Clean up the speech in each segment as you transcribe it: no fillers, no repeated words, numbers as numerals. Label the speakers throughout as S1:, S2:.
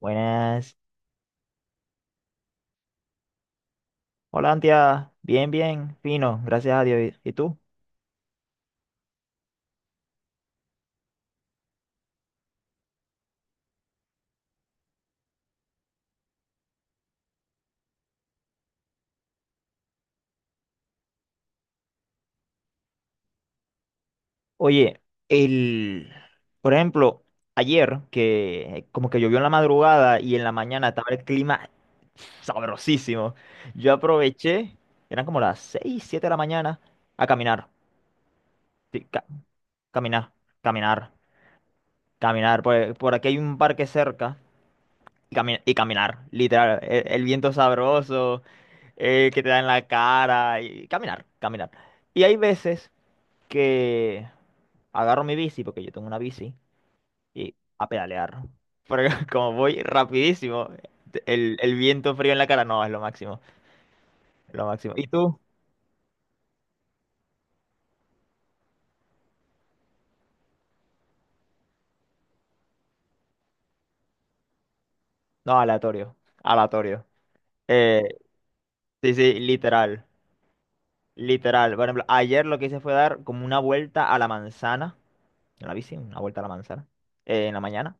S1: Buenas. Hola, Antia. Bien, bien, fino, gracias a Dios. ¿Y tú? Oye, el, por ejemplo, ayer que como que llovió en la madrugada y en la mañana estaba el clima sabrosísimo. Yo aproveché, eran como las 6, 7 de la mañana, a caminar. Sí, caminar, caminar, caminar. Por aquí hay un parque cerca y, y caminar, literal. El viento sabroso, que te dan en la cara y caminar, caminar. Y hay veces que agarro mi bici, porque yo tengo una bici, y a pedalear. Porque como voy rapidísimo, el viento frío en la cara no es lo máximo, es lo máximo. ¿Y tú? No, aleatorio, aleatorio. Eh, sí, sí, literal, literal. Por ejemplo, ayer lo que hice fue dar como una vuelta a la manzana, en la bici, una vuelta a la manzana, en la mañana.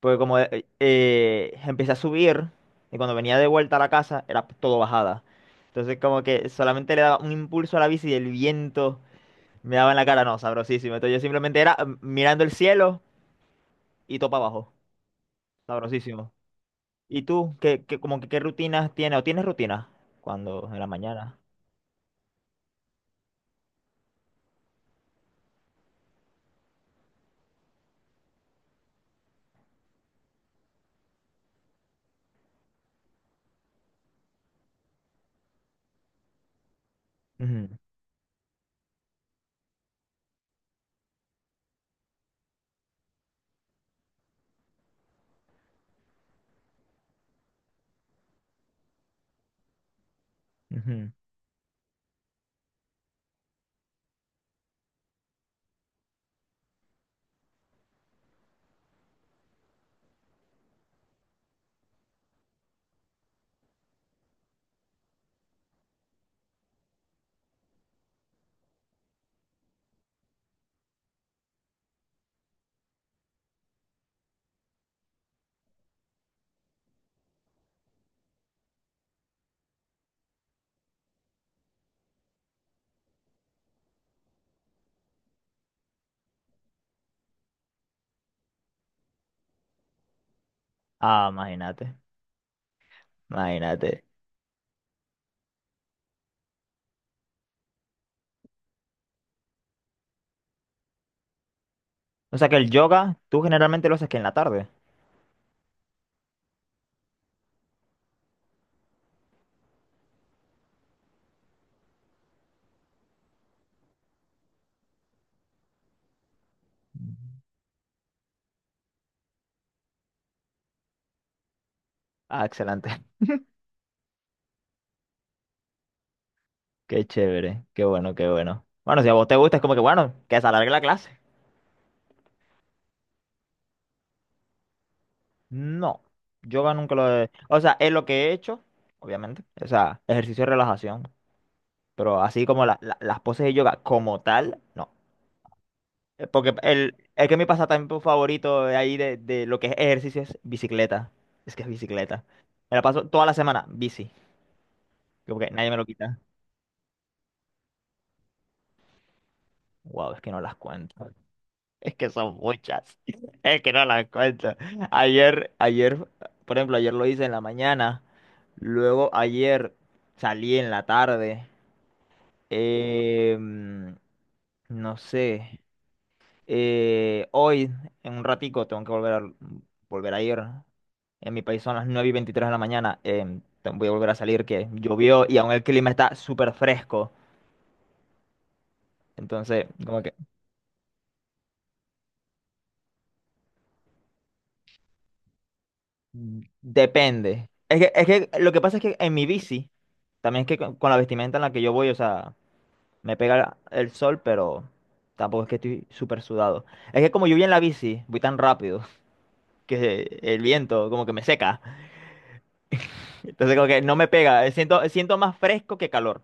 S1: Porque como empecé a subir, y cuando venía de vuelta a la casa, era todo bajada. Entonces como que solamente le daba un impulso a la bici y el viento me daba en la cara, no, sabrosísimo. Entonces yo simplemente era mirando el cielo y topa abajo, sabrosísimo. ¿Y tú, como que qué rutinas tienes o tienes rutinas? Cuando, en la mañana. Ujú, ujú. Ah, imagínate, imagínate. O sea que el yoga, tú generalmente lo haces que en la tarde. Ah, excelente. Qué chévere, qué bueno, qué bueno. Bueno, si a vos te gusta, es como que bueno, que se alargue la clase. No, yoga nunca lo he... O sea, es lo que he hecho, obviamente. O sea, ejercicio de relajación. Pero así como las poses de yoga como tal, no. Es que mi pasatiempo favorito de ahí de lo que es ejercicio es bicicleta. Es que es bicicleta. Me la paso toda la semana, bici. Como que nadie me lo quita. Wow, es que no las cuento. Es que son muchas. Es que no las cuento. Ayer, ayer, por ejemplo, ayer lo hice en la mañana. Luego ayer salí en la tarde. em, no sé. Hoy, en un ratico, tengo que volver a ir. En mi país son las 9 y 23 de la mañana. Voy a volver a salir, que llovió y aún el clima está súper fresco. Entonces, como que depende. Es que lo que pasa es que en mi bici, también es que con la vestimenta en la que yo voy, o sea, me pega el sol, pero tampoco es que estoy súper sudado. Es que como yo voy en la bici, voy tan rápido que el viento como que me seca. Entonces como que no me pega, siento más fresco que calor.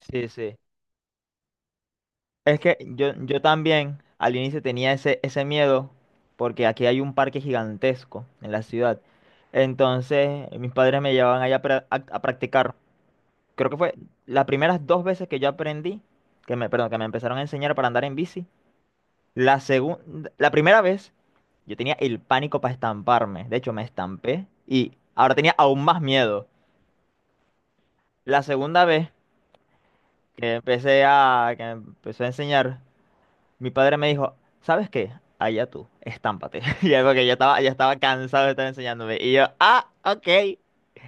S1: Sí, sí. Es que yo también al inicio tenía ese miedo porque aquí hay un parque gigantesco en la ciudad. Entonces mis padres me llevaban allá a practicar. Creo que fue las primeras dos veces que yo aprendí, que me, perdón, que me empezaron a enseñar para andar en bici. La segunda, la primera vez, yo tenía el pánico para estamparme. De hecho, me estampé y ahora tenía aún más miedo. La segunda vez que empecé a, que me empezó a enseñar, mi padre me dijo, ¿sabes qué? Allá tú, estámpate. Y es porque ya estaba cansado de estar enseñándome. Y yo, ah, ok,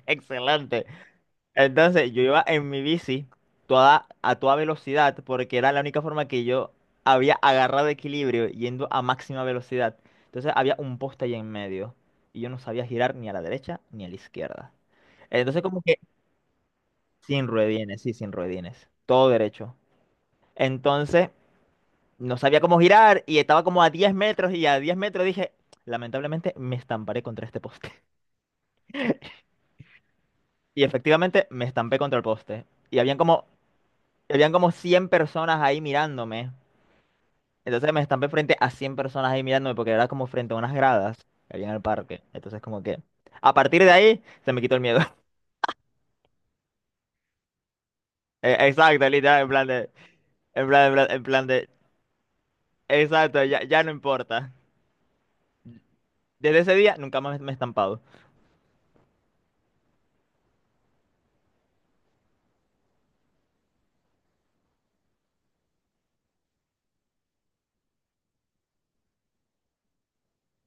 S1: excelente. Entonces yo iba en mi bici toda, a toda velocidad porque era la única forma que yo había agarrado equilibrio yendo a máxima velocidad. Entonces había un poste ahí en medio y yo no sabía girar ni a la derecha ni a la izquierda. Entonces como que sin ruedines, sí, sin ruedines, todo derecho. Entonces no sabía cómo girar y estaba como a 10 metros y a 10 metros dije, lamentablemente me estamparé contra este poste. Y efectivamente me estampé contra el poste. Y habían como y habían como 100 personas ahí mirándome. Entonces me estampé frente a 100 personas ahí mirándome porque era como frente a unas gradas que había en el parque. Entonces como que a partir de ahí se me quitó el miedo. Exacto, literal, en plan de, en plan, en plan, en plan de, exacto, ya no importa. Desde ese día nunca más me he estampado.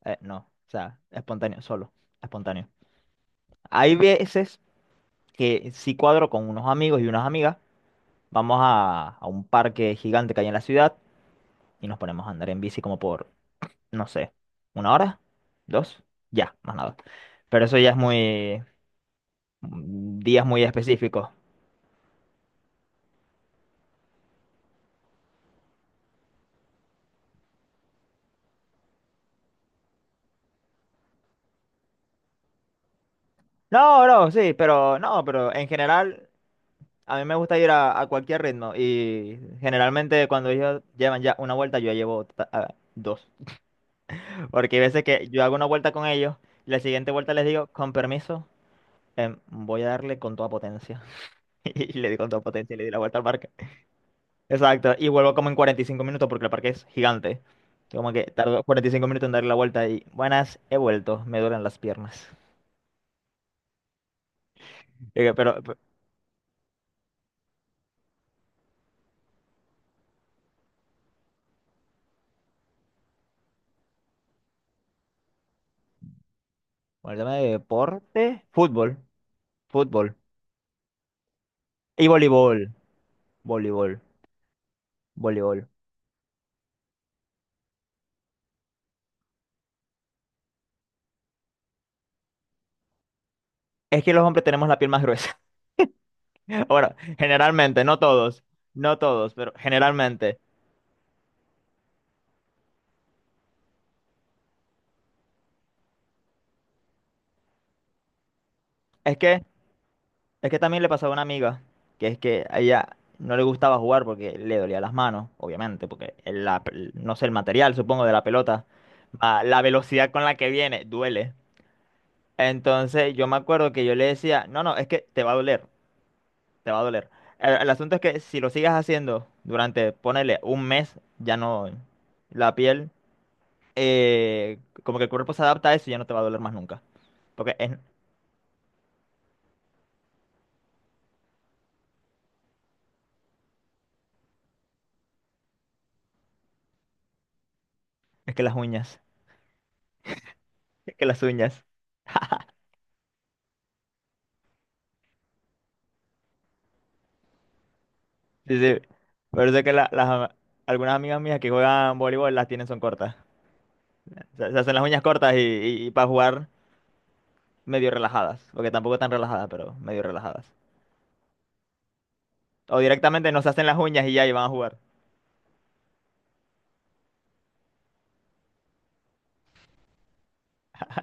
S1: No, o sea, espontáneo, solo, espontáneo. Hay veces que sí cuadro con unos amigos y unas amigas. A un parque gigante que hay en la ciudad y nos ponemos a andar en bici como por no sé, una hora, dos, ya, más nada. Pero eso ya es muy, días muy específicos. No, no, sí, pero no, pero en general a mí me gusta ir a cualquier ritmo y generalmente cuando ellos llevan ya una vuelta yo ya llevo dos. Porque hay veces que yo hago una vuelta con ellos y la siguiente vuelta les digo, con permiso, voy a darle con toda potencia. Y le di con toda potencia y le di la vuelta al parque. Exacto, y vuelvo como en 45 minutos porque el parque es gigante. Yo como que tardo 45 minutos en dar la vuelta y buenas, he vuelto, me duelen las piernas. Pero bueno, el tema de deporte, fútbol, fútbol y voleibol, voleibol, voleibol. Es que los hombres tenemos la piel más gruesa. Bueno, generalmente, no todos, no todos, pero generalmente. Es que Es que también le pasaba a una amiga, que es que a ella no le gustaba jugar porque le dolía las manos, obviamente, porque el- la no sé, el material, supongo, de la pelota, ah, la velocidad con la que viene, duele. Entonces yo me acuerdo que yo le decía, no, no, es que te va a doler, te va a doler. El asunto es que si lo sigas haciendo durante, ponele, un mes, ya no, la piel, eh, como que el cuerpo se adapta a eso y ya no te va a doler más nunca. Porque es que las uñas, es que las uñas. Sí, sí. Por eso es que algunas amigas mías que juegan voleibol las tienen son cortas. Se hacen las uñas cortas y, para jugar medio relajadas. Porque tampoco tan relajadas, pero medio relajadas. O directamente no se hacen las uñas y ya y van a jugar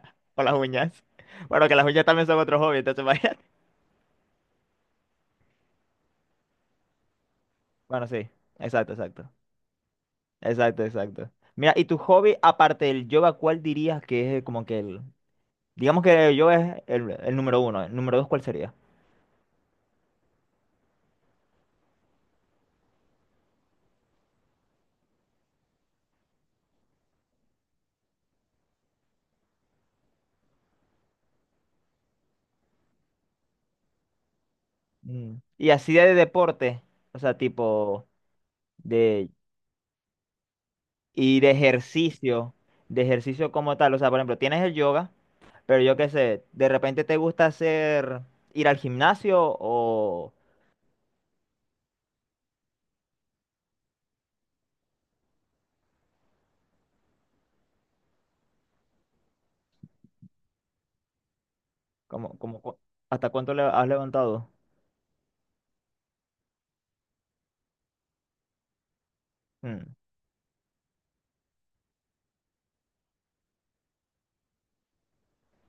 S1: con las uñas. Bueno, que las uñas también son otro hobby, entonces imagínate. Bueno, sí. Exacto, exacto. Exacto, exacto. Mira, ¿y tu hobby aparte del yoga, cuál dirías que es como que el... Digamos que el yoga es el número uno. ¿El número dos cuál sería? Mm. Y así de deporte. O sea, tipo... De, y de ejercicio, de ejercicio como tal. O sea, por ejemplo, tienes el yoga, pero yo qué sé, de repente te gusta hacer, ir al gimnasio o como, como, cu- ¿hasta cuánto le has levantado? Mm.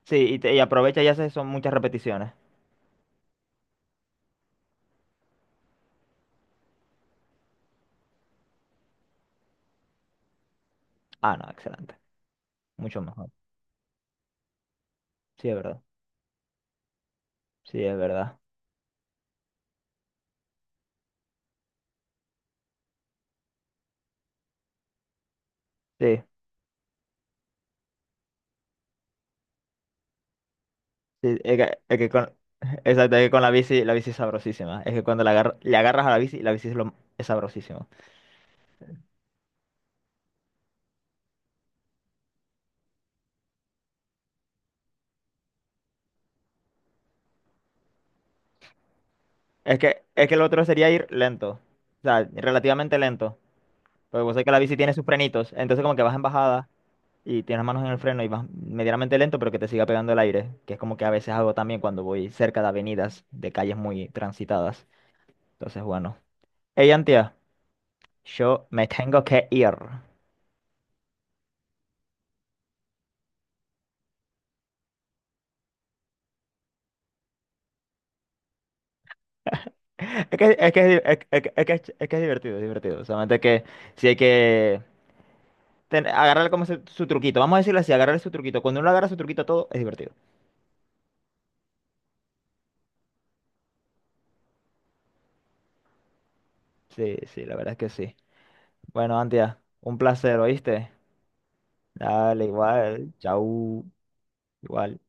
S1: Sí, y, y aprovecha y haces son muchas repeticiones. Ah, no, excelente. Mucho mejor. Sí, es verdad. Sí, es verdad. Sí, sí, es que exacto, es que con la bici es sabrosísima. Es que cuando le agarras a la bici es, lo, es sabrosísima. Es que el otro sería ir lento. O sea, relativamente lento. Porque vos sabés que la bici tiene sus frenitos. Entonces como que vas en bajada y tienes las manos en el freno y vas medianamente lento, pero que te siga pegando el aire. Que es como que a veces hago también cuando voy cerca de avenidas, de calles muy transitadas. Entonces, bueno. Hey, Antia, yo me tengo que ir. Es que es divertido, es divertido. Solamente que si hay que agarrarle como su truquito. Vamos a decirlo así, agarrarle su truquito. Cuando uno agarra su truquito a todo, es divertido. Sí, sí, la verdad es que sí. Bueno, Antia, un placer, ¿oíste? Dale, igual, chau, igual.